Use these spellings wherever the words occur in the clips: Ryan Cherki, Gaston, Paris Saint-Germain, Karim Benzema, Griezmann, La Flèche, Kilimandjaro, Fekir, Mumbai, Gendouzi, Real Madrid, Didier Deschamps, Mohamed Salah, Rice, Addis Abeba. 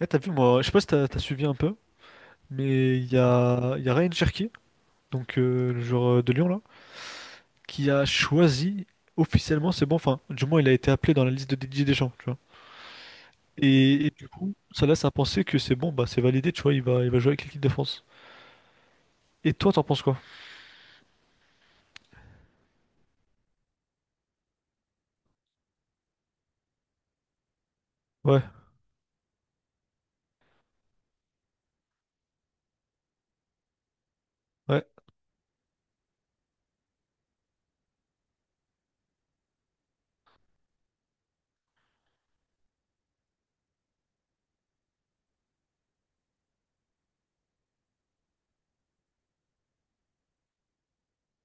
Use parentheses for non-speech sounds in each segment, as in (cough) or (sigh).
Eh, t'as vu, moi, je sais pas si t'as suivi un peu, mais il y a Ryan Cherki, donc le joueur de Lyon là, qui a choisi officiellement, c'est bon, enfin, du moins il a été appelé dans la liste de Didier Deschamps, tu vois. Et du coup, ça laisse à penser que c'est bon, bah c'est validé, tu vois, il va jouer avec l'équipe de France. Et toi, t'en penses quoi? Ouais, ouais,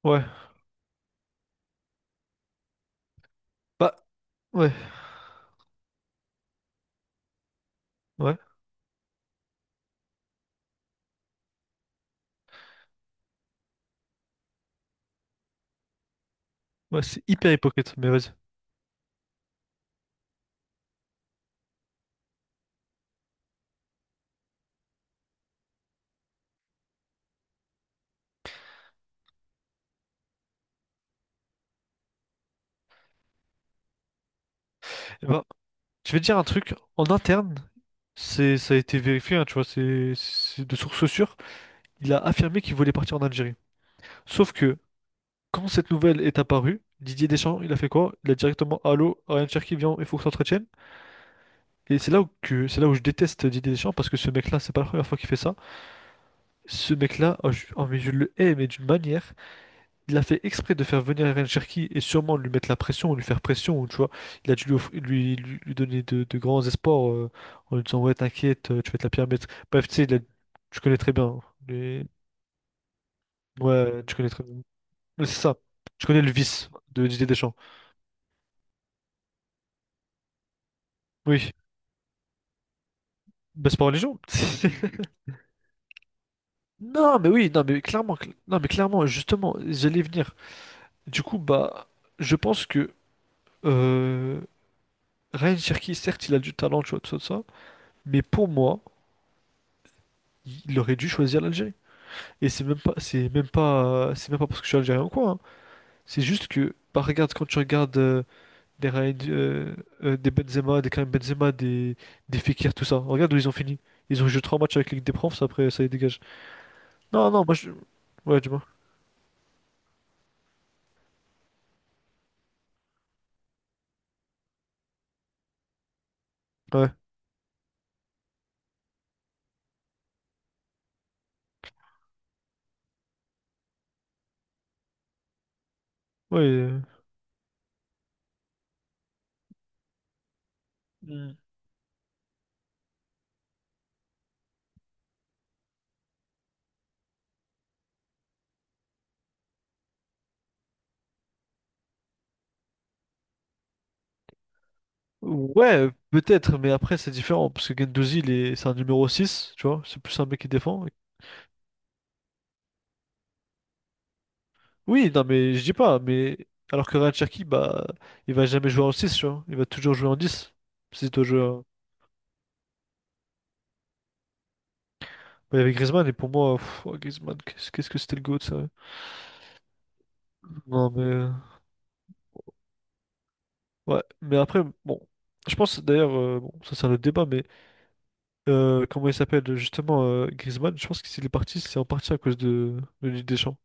ouais, bah, ouais, ouais, ouais, c'est hyper hypocrite, mais vas-y. Eh ben, je vais te dire un truc, en interne, ça a été vérifié, hein, tu vois, c'est de sources sûres, il a affirmé qu'il voulait partir en Algérie. Sauf que quand cette nouvelle est apparue, Didier Deschamps, il a fait quoi? Il a directement, allô, Ryan Cherki, viens, il faut que tu t'entretiennes. Et c'est là où je déteste Didier Deschamps parce que ce mec-là, c'est pas la première fois qu'il fait ça. Ce mec-là, oh, mais je le hais, mais d'une manière. Il a fait exprès de faire venir Ryan Cherki et sûrement lui mettre la pression, ou lui faire pression, ou tu vois. Il a dû lui, lui donner de grands espoirs en lui disant ouais, t'inquiète, tu vas être la pire maître. Bref, tu sais, tu connais très bien, hein, les- ouais, tu connais très bien. Ouais, c'est ça. Tu connais le vice de Didier Deschamps. Oui. Bah, c'est pas religion. (laughs) Non, mais oui, non, mais clairement, non, mais clairement, justement, j'allais venir. Du coup, bah, je pense que euh, Ryan Cherki, certes, il a du talent, tu vois, tout ça, mais pour moi, il aurait dû choisir l'Algérie. Et c'est même pas, c'est même pas, c'est même pas parce que je suis algérien ou quoi, hein. C'est juste que, bah, regarde, quand tu regardes des Ryan, euh, des Benzema, des Karim Benzema, des Fekir, tout ça, regarde où ils ont fini. Ils ont joué trois matchs avec Ligue des Profs, après, ça les dégage. Non, non, moi, je... ouais, dis-moi. Ouais, ouais. Hmm. Ouais, peut-être, mais après c'est différent, parce que Gendouzi, c'est un numéro 6 tu vois, c'est plus un mec qui défend. Oui, non, mais je dis pas, mais alors que Ryan Cherki, bah, il va jamais jouer en 6 tu vois, il va toujours jouer en dix. Si toi jouer en- Bah, il y avait Griezmann, et pour moi, pff, oh, Griezmann, qu'est-ce que c'était le GOAT, ça. Non, mais, ouais, mais après, bon, je pense d'ailleurs, bon, ça c'est un autre débat, mais comment il s'appelle justement Griezmann, je pense que s'il est parti, c'est en partie à cause de Ligue des Champs.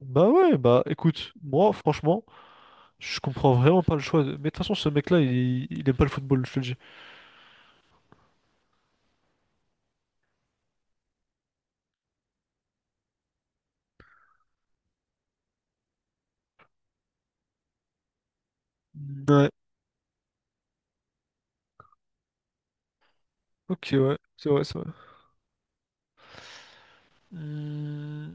Bah ouais, bah écoute, moi franchement, je comprends vraiment pas le choix. Mais de toute façon, ce mec-là, il aime pas le football, je te le dis. Ouais, ok, ouais, c'est vrai, c'est vrai. Hmm.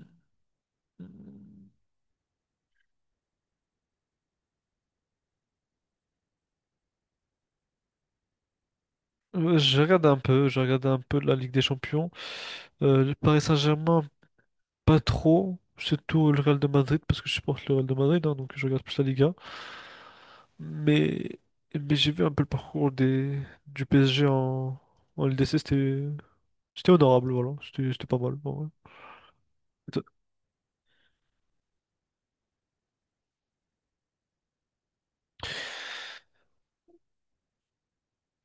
Je regarde un peu, la Ligue des Champions. Le Paris Saint-Germain, pas trop. Surtout le Real de Madrid, parce que je supporte le Real de Madrid, hein, donc je regarde plus la Liga. Mais, mais, j'ai vu un peu le parcours du PSG en LDC, c'était honorable, voilà. C'était pas mal, en vrai. Et toi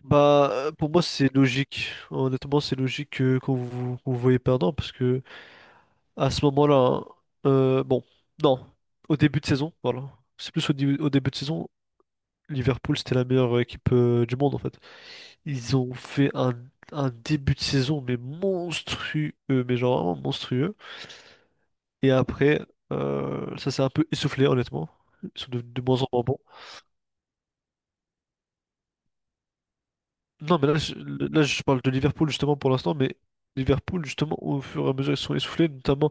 Bah, pour moi, c'est logique. Honnêtement, c'est logique qu'on vous voyez perdant, parce que à ce moment-là, hein, bon, non, au début de saison, voilà. C'est plus au début de saison, Liverpool, c'était la meilleure équipe du monde en fait. Ils ont fait un début de saison, mais monstrueux, mais genre vraiment monstrueux. Et après, ça s'est un peu essoufflé, honnêtement. Ils sont de moins en moins bons. Non, mais là, je parle de Liverpool justement pour l'instant, mais Liverpool, justement, au fur et à mesure, ils se sont essoufflés, notamment.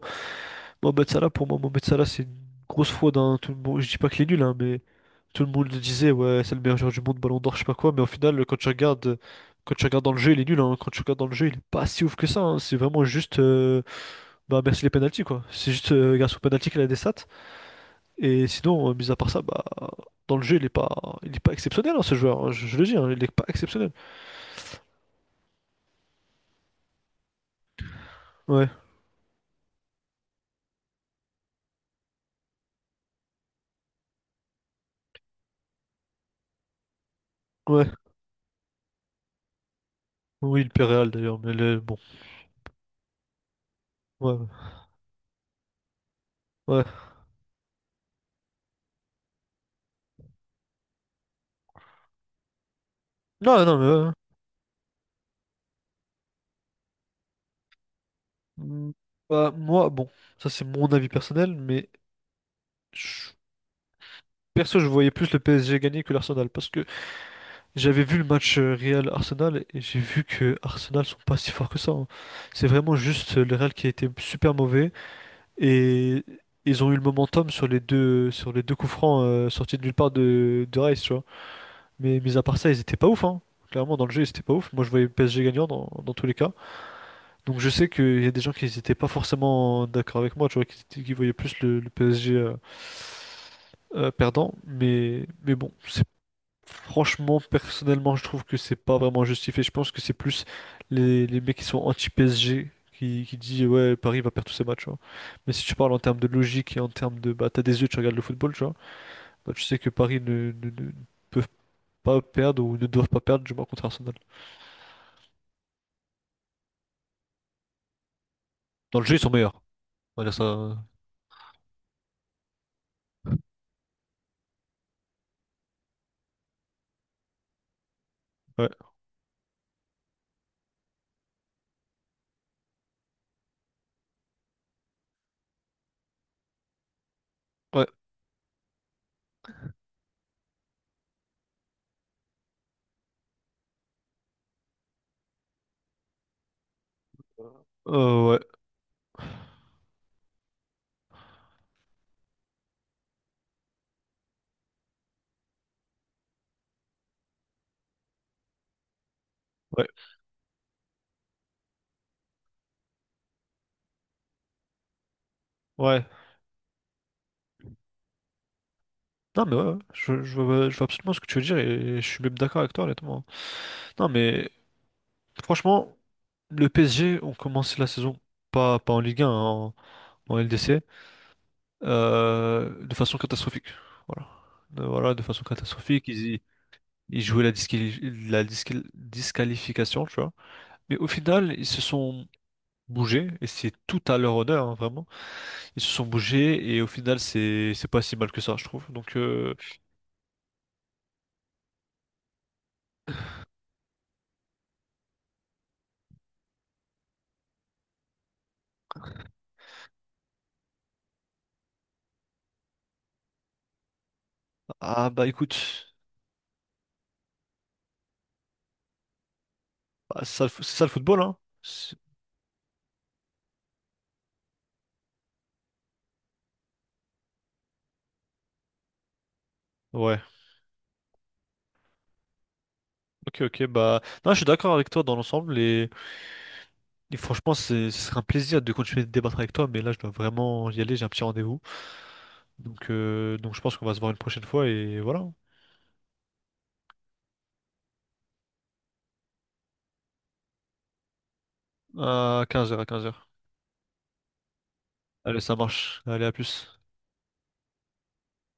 Mohamed Salah, pour moi, Mohamed Salah, c'est une grosse fraude, hein. Tout le monde, je dis pas qu'il est nul, hein, mais tout le monde le disait, ouais, c'est le meilleur joueur du monde, Ballon d'Or, je sais pas quoi. Mais au final, quand tu regardes dans le jeu, il est nul, hein. Quand tu regardes dans le jeu, il est pas si ouf que ça, hein. C'est vraiment juste, bah merci les pénaltys quoi. C'est juste grâce aux pénaltys qu'il a des stats. Et sinon, mis à part ça, bah dans le jeu, il est pas exceptionnel hein, ce joueur, hein. Je le dis, hein, il est pas exceptionnel. Ouais, ouais. Oui, il perd Real d'ailleurs, mais bon, ouais, ouais. Non, non, mais ouais. Mm, Bah, moi, bon, ça c'est mon avis personnel, mais je- perso, je voyais plus le PSG gagner que l'Arsenal parce que j'avais vu le match Real-Arsenal et j'ai vu que Arsenal sont pas si forts que ça, hein. C'est vraiment juste le Real qui a été super mauvais et ils ont eu le momentum sur les deux coups francs sortis de nulle part de Rice, tu vois. Mais mis à part ça, ils étaient pas ouf, hein. Clairement, dans le jeu, ils étaient pas ouf. Moi, je voyais le PSG gagnant dans tous les cas. Donc je sais qu'il y a des gens qui n'étaient pas forcément d'accord avec moi, tu vois, qui voyaient plus le PSG perdant, mais, bon, c'est franchement, personnellement, je trouve que c'est pas vraiment justifié. Je pense que c'est plus les mecs qui sont anti-PSG qui disent ouais, Paris va perdre tous ses matchs, tu vois. Mais si tu parles en termes de logique et en termes de bah t'as des yeux, tu regardes le football, tu vois, bah tu sais que Paris ne peuvent pas perdre ou ne doivent pas perdre, du moins contre Arsenal. Dans le jeu, ils sont meilleurs. On va dire ça. Ouais. Ouais. Ouais. Ouais. Ouais. Non, mais ouais, ouais. Je je vois absolument ce que tu veux dire et je suis même d'accord avec toi, honnêtement. Non, mais franchement, le PSG ont commencé la saison, pas en Ligue 1, en LDC, de façon catastrophique. Voilà. Voilà, de façon catastrophique. Ils jouaient la, disquali- la disqual- disqualification, tu vois. Mais au final, ils se sont bougés et c'est tout à leur honneur, hein, vraiment. Ils se sont bougés et au final, c'est pas si mal que ça, je trouve. Donc, ah bah écoute. Bah, c'est ça, c'est ça le football, hein? Ouais. Ok, ok. Bah, non, je suis d'accord avec toi dans l'ensemble et franchement, ce serait un plaisir de continuer de débattre avec toi, mais là, je dois vraiment y aller, j'ai un petit rendez-vous. Donc, je pense qu'on va se voir une prochaine fois et voilà. À 15h, à 15h. Allez, ça marche. Allez, à plus.